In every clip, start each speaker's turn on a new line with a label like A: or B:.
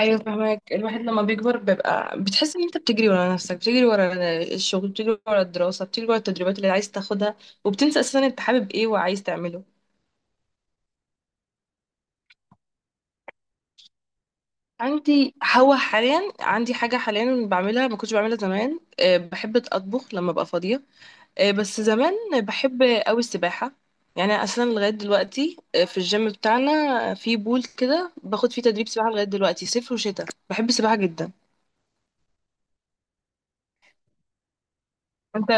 A: ايوه فهمك. الواحد لما بيكبر بيبقى بتحس ان انت بتجري ورا نفسك، بتجري ورا الشغل، بتجري ورا الدراسه، بتجري ورا التدريبات اللي عايز تاخدها، وبتنسى اساسا انت حابب ايه وعايز تعمله. عندي هو حاليا عندي حاجه حاليا بعملها ما كنتش بعملها زمان، بحب اطبخ لما ابقى فاضيه. بس زمان بحب قوي السباحه. يعني أنا اساسا لغايه دلوقتي، في الجيم بتاعنا في بول كده باخد فيه تدريب سباحه لغايه دلوقتي، صيف وشتاء بحب السباحه جدا. انت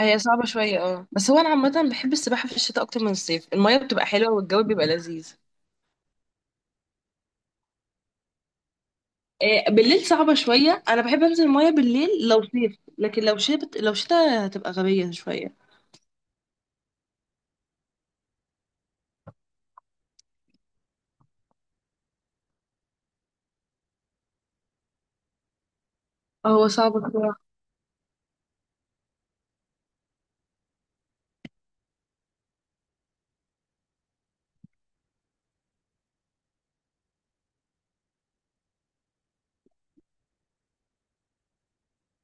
A: هي صعبة شوية، اه، بس هو انا عامة بحب السباحة في الشتاء اكتر من الصيف، المية بتبقى حلوة والجو بيبقى لذيذ. بالليل صعبة شوية، انا بحب انزل المية بالليل لو صيف، لكن لو شتاء، لو شتاء هتبقى غبية شوية. هو صعب بصراحة.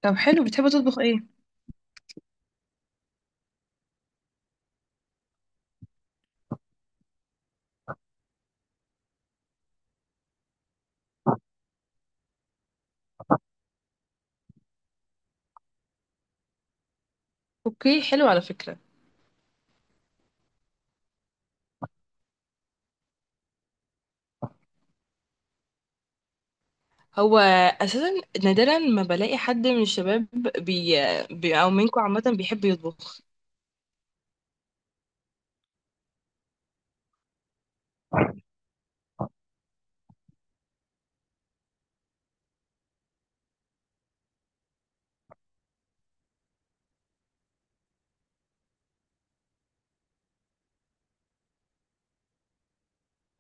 A: طب حلو، بتحب تطبخ ايه؟ اوكي حلو على فكرة. هو اساسا نادرا ما بلاقي حد من الشباب بي... او منكم عامة بيحب يطبخ.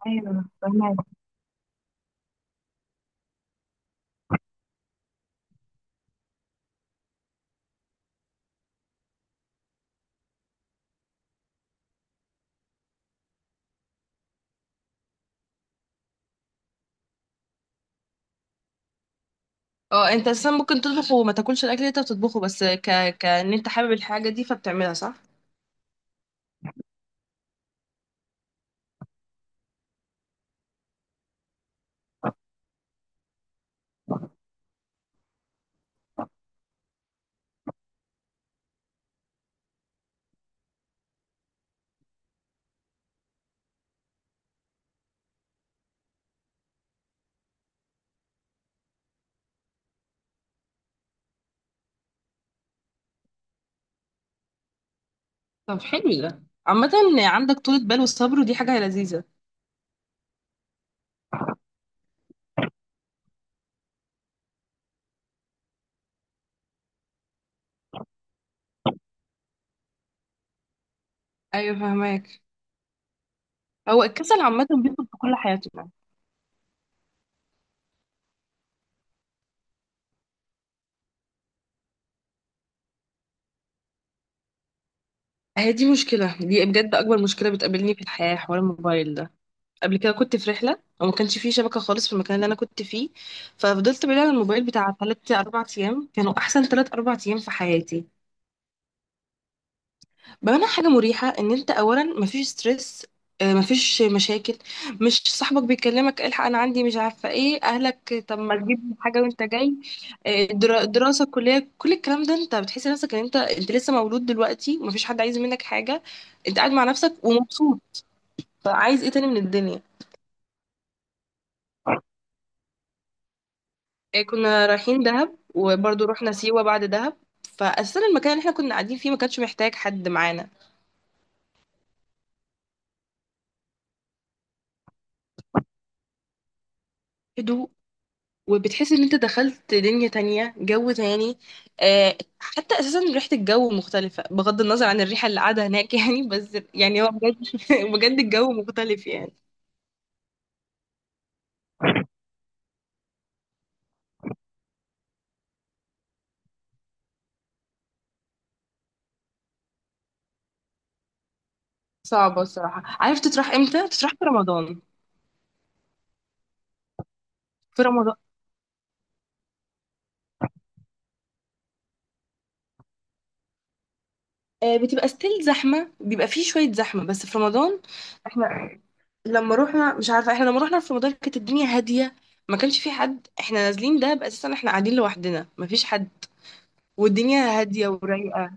A: ايوه فهمك. اه انت اساسا ممكن تطبخ وما تاكلش الاكل اللي انت بتطبخه، بس كان انت حابب الحاجة دي فبتعملها، صح؟ طب حلو، ده عامة عندك طولة بال والصبر ودي حاجة لذيذة. ايوه فهماك. هو الكسل عامة بيدخل في كل حياتنا يعني. هي دي مشكلة، دي بجد أكبر مشكلة بتقابلني في الحياة، حوار الموبايل ده. قبل كده كنت في رحلة وما كانش فيه شبكة خالص في المكان اللي أنا كنت فيه، ففضلت بعيدة عن الموبايل بتاع تلات أربع أيام، كانوا أحسن تلات أربع أيام في حياتي. بمعنى حاجة مريحة، ان انت اولا مفيش ستريس، مفيش مشاكل، مش صاحبك بيكلمك الحق انا عندي مش عارفة ايه، اهلك طب ما تجيب حاجة وانت جاي، دراسة كلية كل الكلام ده، انت بتحس نفسك ان انت لسه مولود دلوقتي ومفيش حد عايز منك حاجة. انت قاعد مع نفسك ومبسوط، فعايز ايه تاني من الدنيا؟ كنا رايحين دهب وبرضه رحنا سيوة بعد دهب، فأساسا المكان اللي احنا كنا قاعدين فيه ما كانش محتاج حد معانا. هدوء، وبتحس ان انت دخلت دنيا تانية، جو تاني. آه، حتى اساسا ريحة الجو مختلفة بغض النظر عن الريحة اللي قاعدة هناك يعني، بس يعني هو بجد بجد الجو مختلف يعني. صعبة الصراحة. عارف تطرح امتى؟ تطرح في رمضان. في رمضان. آه بتبقى ستيل زحمة، بيبقى فيه شوية زحمة، بس في رمضان احنا لما روحنا مش عارفة، احنا لما روحنا في رمضان كانت الدنيا هادية، ما كانش في حد، احنا نازلين ده بأساسا احنا قاعدين لوحدنا، مفيش حد، والدنيا هادية ورايقة.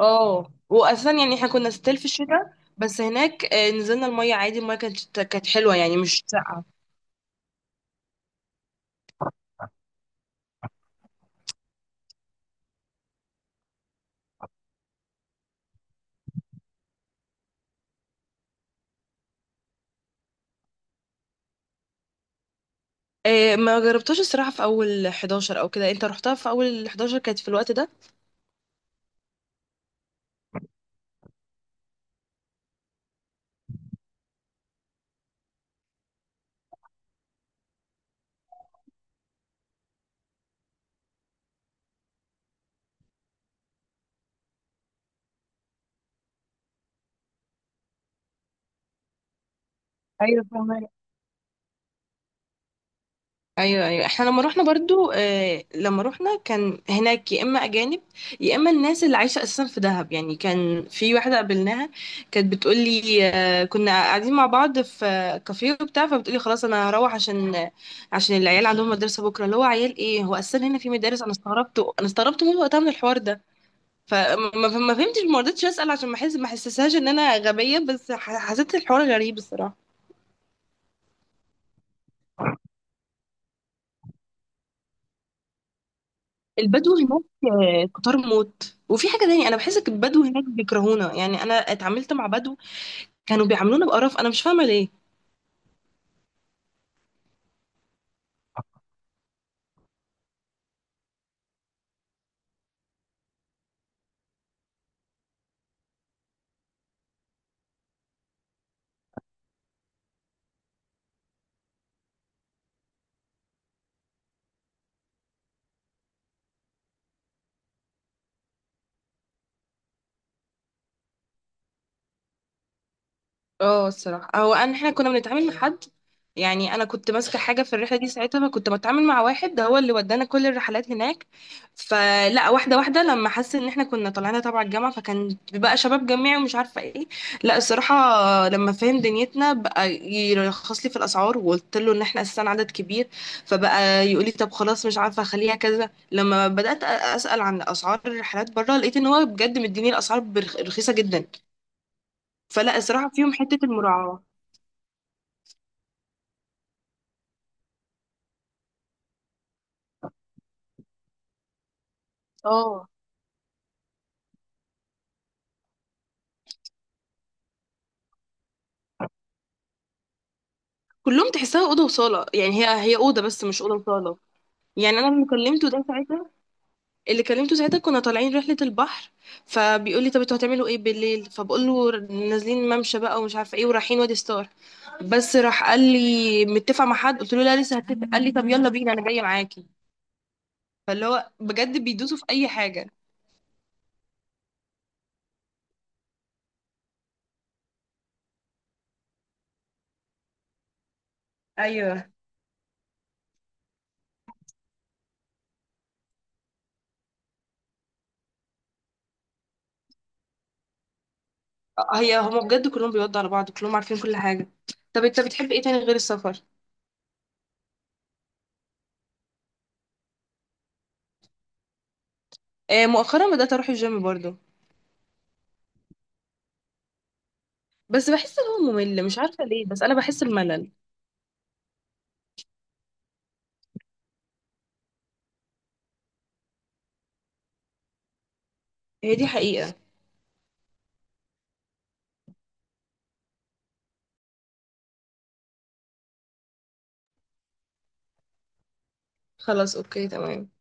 A: اه واساسا يعني احنا كنا ستيل في الشتاء، بس هناك، نزلنا الميه عادي، الميه كانت حلوه يعني، مش ساقعه. ما جربتهاش الصراحه. في اول 11 او كده، انت رحتها في اول 11؟ كانت في الوقت ده. ايوه فاهمة. ايوه ايوه، احنا لما رحنا برضو، آه لما رحنا كان هناك يا اما اجانب، يا اما الناس اللي عايشه اساسا في دهب. يعني كان في واحده قابلناها كانت بتقول لي، آه كنا قاعدين مع بعض في كافيه وبتاع، فبتقولي خلاص انا هروح عشان عشان العيال عندهم مدرسه بكره، اللي هو عيال ايه؟ هو اساسا هنا في مدارس؟ انا استغربت، انا استغربت موت وقتها من الحوار ده. فما ما فهمتش، ما رضيتش اسال عشان ما احس، ما احسسهاش ان انا غبيه، بس حسيت الحوار غريب الصراحه. البدو هناك، آه، كتار موت. وفي حاجة تانية أنا بحس إن البدو هناك بيكرهونا، يعني أنا اتعاملت مع بدو كانوا بيعاملونا بقرف، أنا مش فاهمة ليه. اه الصراحة، هو أنا احنا كنا بنتعامل مع حد، يعني أنا كنت ماسكة حاجة في الرحلة دي ساعتها، فكنت بتعامل مع واحد، ده هو اللي ودانا كل الرحلات هناك. فلا، واحدة واحدة لما حس إن احنا كنا طالعين تبع الجامعة، فكان بقى شباب جامعي ومش عارفة ايه. لا الصراحة لما فهم دنيتنا بقى يرخص لي في الأسعار، وقلت له إن احنا أساسا عدد كبير، فبقى يقول لي طب خلاص مش عارفة أخليها كذا. لما بدأت أسأل عن أسعار الرحلات بره لقيت إن هو بجد مديني الأسعار رخيصة جدا. فلا الصراحة فيهم حتة المراعاة. اه كلهم تحسها اوضه وصاله، يعني هي اوضه بس مش اوضه وصاله. يعني انا اللي كلمته ده ساعتها، اللي كلمته ساعتها كنا طالعين رحله البحر، فبيقول لي طب انتوا هتعملوا ايه بالليل؟ فبقول له نازلين ممشى بقى ومش عارفه ايه، ورايحين وادي ستار. بس راح قال لي متفق مع حد؟ قلت له لا لسه هتفق، قال لي طب يلا بينا انا جايه معاكي. فاللي هو بجد بيدوسوا في اي حاجه. ايوه. هي هما بجد كلهم بيودوا على بعض، كلهم عارفين كل حاجة. طب انت بتحب ايه تاني غير السفر؟ آه مؤخرا بدأت اروح الجيم برضو، بس بحس ان هو ممل، مش عارفة ليه، بس انا بحس الملل. هي دي حقيقة. خلاص اوكي تمام.